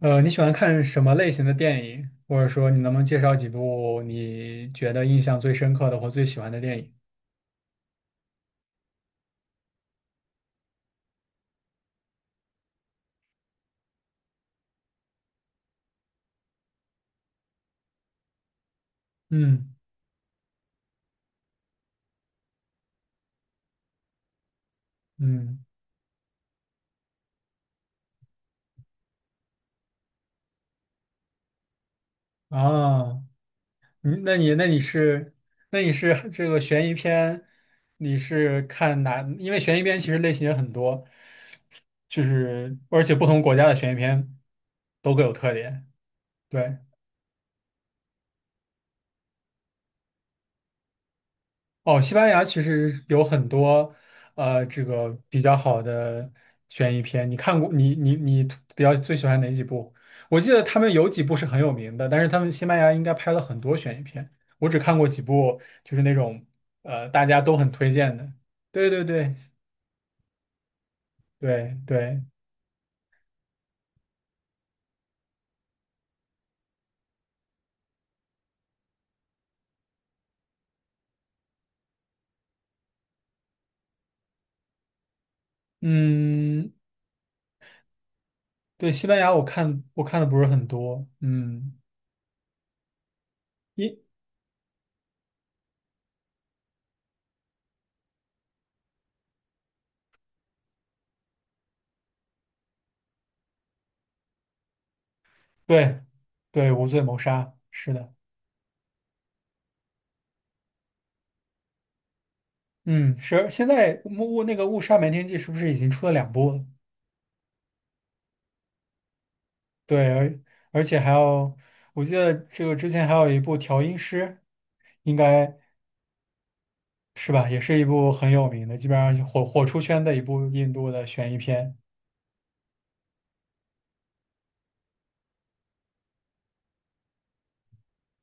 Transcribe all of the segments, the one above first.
你喜欢看什么类型的电影？或者说，你能不能介绍几部你觉得印象最深刻的或最喜欢的电影？嗯嗯，哦，你那你那你是那你是这个悬疑片，你是看哪？因为悬疑片其实类型也很多，就是而且不同国家的悬疑片都各有特点。对，哦，西班牙其实有很多这个比较好的悬疑片。你看过？你比较最喜欢哪几部？我记得他们有几部是很有名的，但是他们西班牙应该拍了很多悬疑片。我只看过几部，就是那种大家都很推荐的。对对对对对，嗯，对，西班牙我看的不是很多，嗯，一对对，无罪谋杀是的。嗯，是，现在那个误杀瞒天记是不是已经出了两部了？对，而且还有，我记得这个之前还有一部调音师，应该是吧，也是一部很有名的，基本上火出圈的一部印度的悬疑片。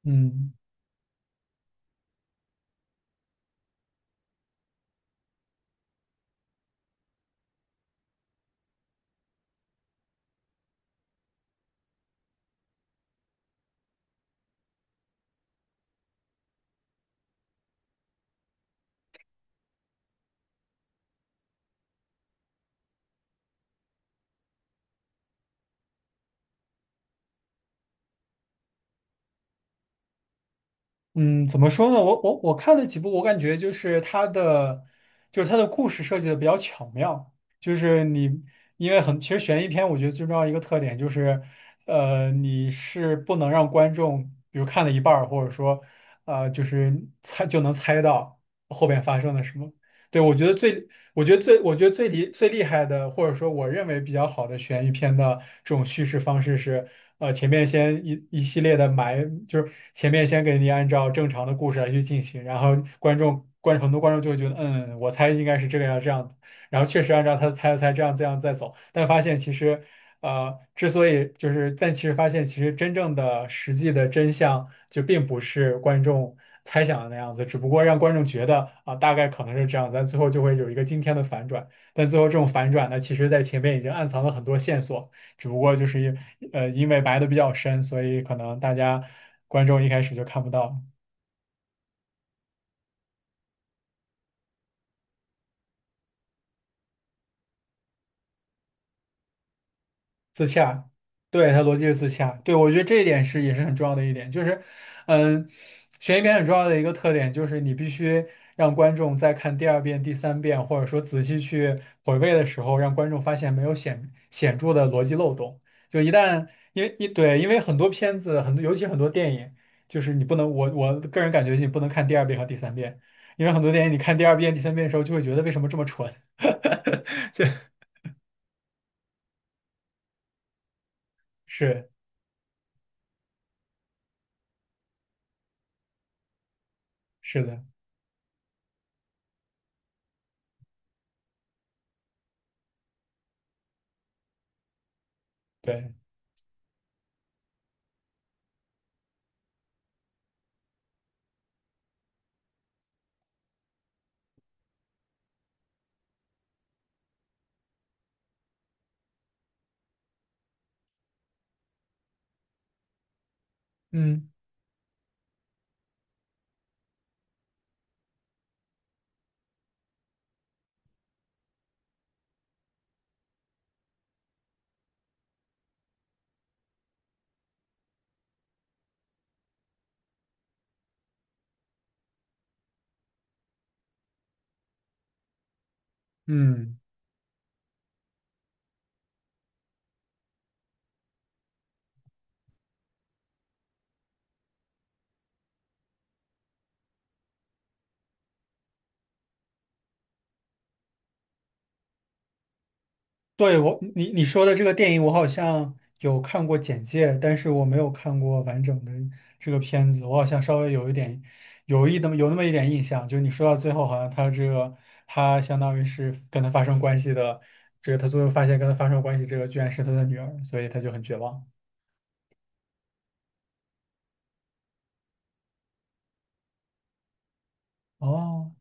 嗯。嗯，怎么说呢？我看了几部，我感觉就是它的，就是它的故事设计的比较巧妙。就是你，因为很，其实悬疑片我觉得最重要一个特点就是，你是不能让观众，比如看了一半儿，或者说，就是猜就能猜到后边发生了什么。对，我觉得最厉害的，或者说我认为比较好的悬疑片的这种叙事方式是，前面先一系列的埋，就是前面先给你按照正常的故事来去进行，然后观众观很多观众就会觉得，嗯，我猜应该是这个样这样子。然后确实按照他猜的这样这样再走，但发现其实，之所以就是，但其实发现其实真正的实际的真相就并不是观众猜想的那样子，只不过让观众觉得啊、大概可能是这样子，但最后就会有一个惊天的反转。但最后这种反转呢，其实在前面已经暗藏了很多线索，只不过因为埋的比较深，所以可能大家观众一开始就看不到。自洽，对，它逻辑是自洽，对，我觉得这一点是也是很重要的一点，就是，嗯，悬疑片很重要的一个特点就是你必须让观众在看第二遍、第三遍，或者说仔细去回味的时候，让观众发现没有显著的逻辑漏洞。就一旦因为很多片子，尤其很多电影，就是你不能，我个人感觉你不能看第二遍和第三遍，因为很多电影你看第二遍、第三遍的时候就会觉得为什么这么蠢，这是是的，对，嗯。嗯，对，我，你你说的这个电影，我好像有看过简介，但是我没有看过完整的这个片子。我好像稍微有一点，有那么一点印象，就是你说到最后，好像他这个他相当于是跟他发生关系的，这个他最后发现跟他发生关系这个居然是他的女儿，所以他就很绝望。哦。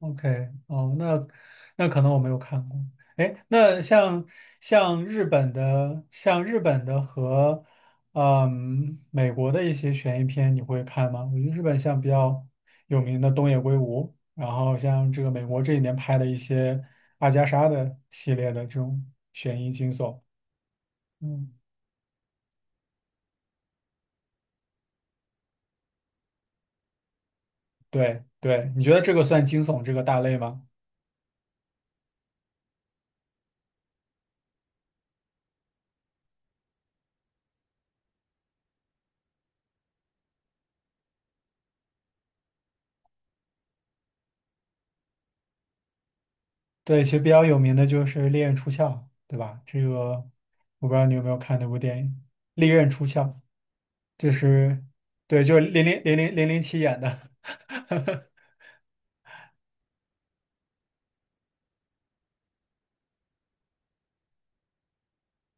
OK,哦，那那可能我没有看过。哎，那像像日本的，像日本的和美国的一些悬疑片，你会看吗？我觉得日本像比较有名的东野圭吾，然后像这个美国这一年拍的一些阿加莎的系列的这种悬疑惊悚，嗯，对对，你觉得这个算惊悚这个大类吗？对，其实比较有名的就是《利刃出鞘》，对吧？这个我不知道你有没有看那部电影《利刃出鞘》，就是对，就是007演的。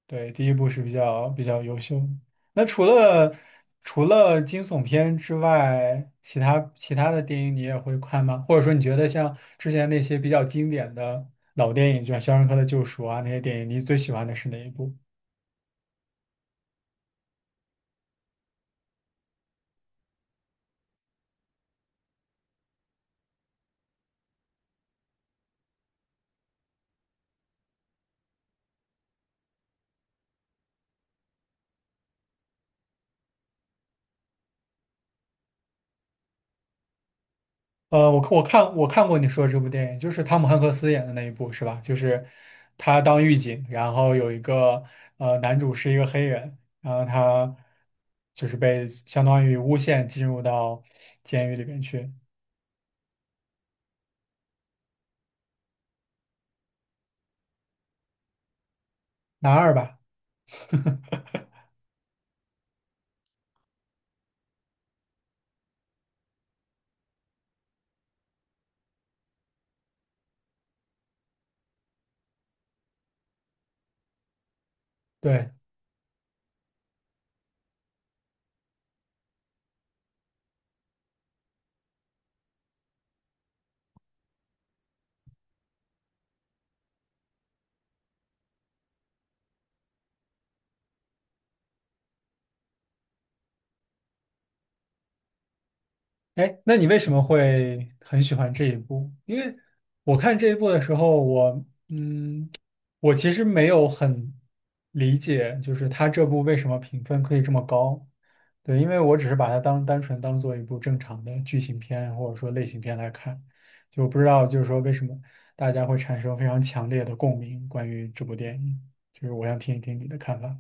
对，第一部是比较比较优秀的那除了除了惊悚片之外，其他其他的电影你也会看吗？或者说你觉得像之前那些比较经典的老电影，就像《肖申克的救赎》啊那些电影，你最喜欢的是哪一部？我看过你说的这部电影，就是汤姆汉克斯演的那一部，是吧？就是他当狱警，然后有一个男主是一个黑人，然后他就是被相当于诬陷进入到监狱里面去，男二吧？对。哎，那你为什么会很喜欢这一部？因为我看这一部的时候，嗯，我其实没有很理解，就是他这部为什么评分可以这么高？对，因为我只是把它当单纯当做一部正常的剧情片或者说类型片来看，就不知道就是说为什么大家会产生非常强烈的共鸣关于这部电影，就是我想听一听你的看法。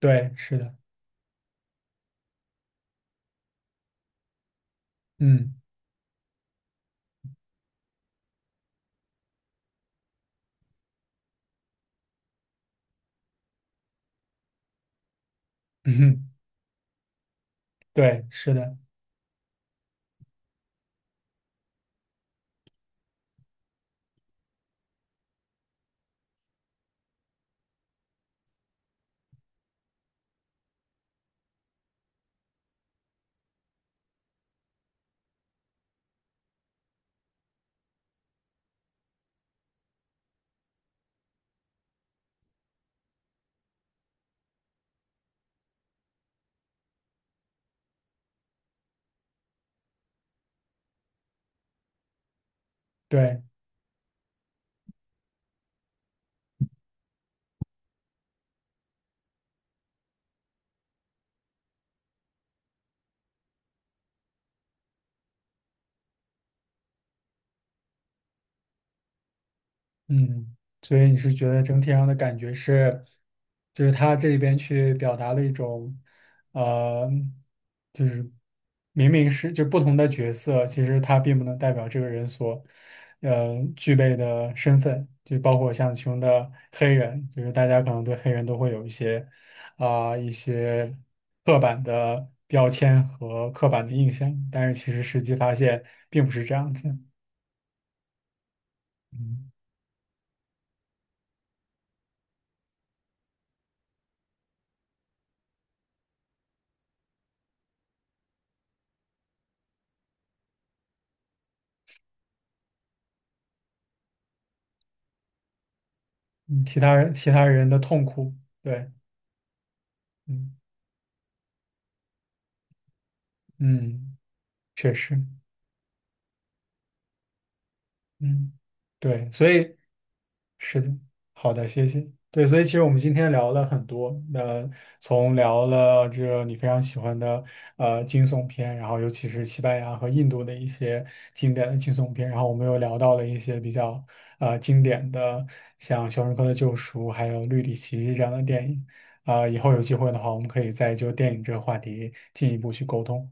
对，是的，嗯，对，是的，对。嗯，所以你是觉得整体上的感觉是，就是他这里边去表达了一种，呃，就是明明是就不同的角色，其实他并不能代表这个人所，具备的身份，就包括像其中的黑人，就是大家可能对黑人都会有一些，啊、一些刻板的标签和刻板的印象，但是其实实际发现并不是这样子。嗯。嗯其他人的痛苦，对，嗯嗯，确实，嗯，对，所以是的，好的，谢谢。对，所以其实我们今天聊了很多，呃，从聊了这个你非常喜欢的惊悚片，然后尤其是西班牙和印度的一些经典的惊悚片，然后我们又聊到了一些比较经典的，像《肖申克的救赎》还有《绿里奇迹》这样的电影。啊、以后有机会的话，我们可以再就电影这个话题进一步去沟通。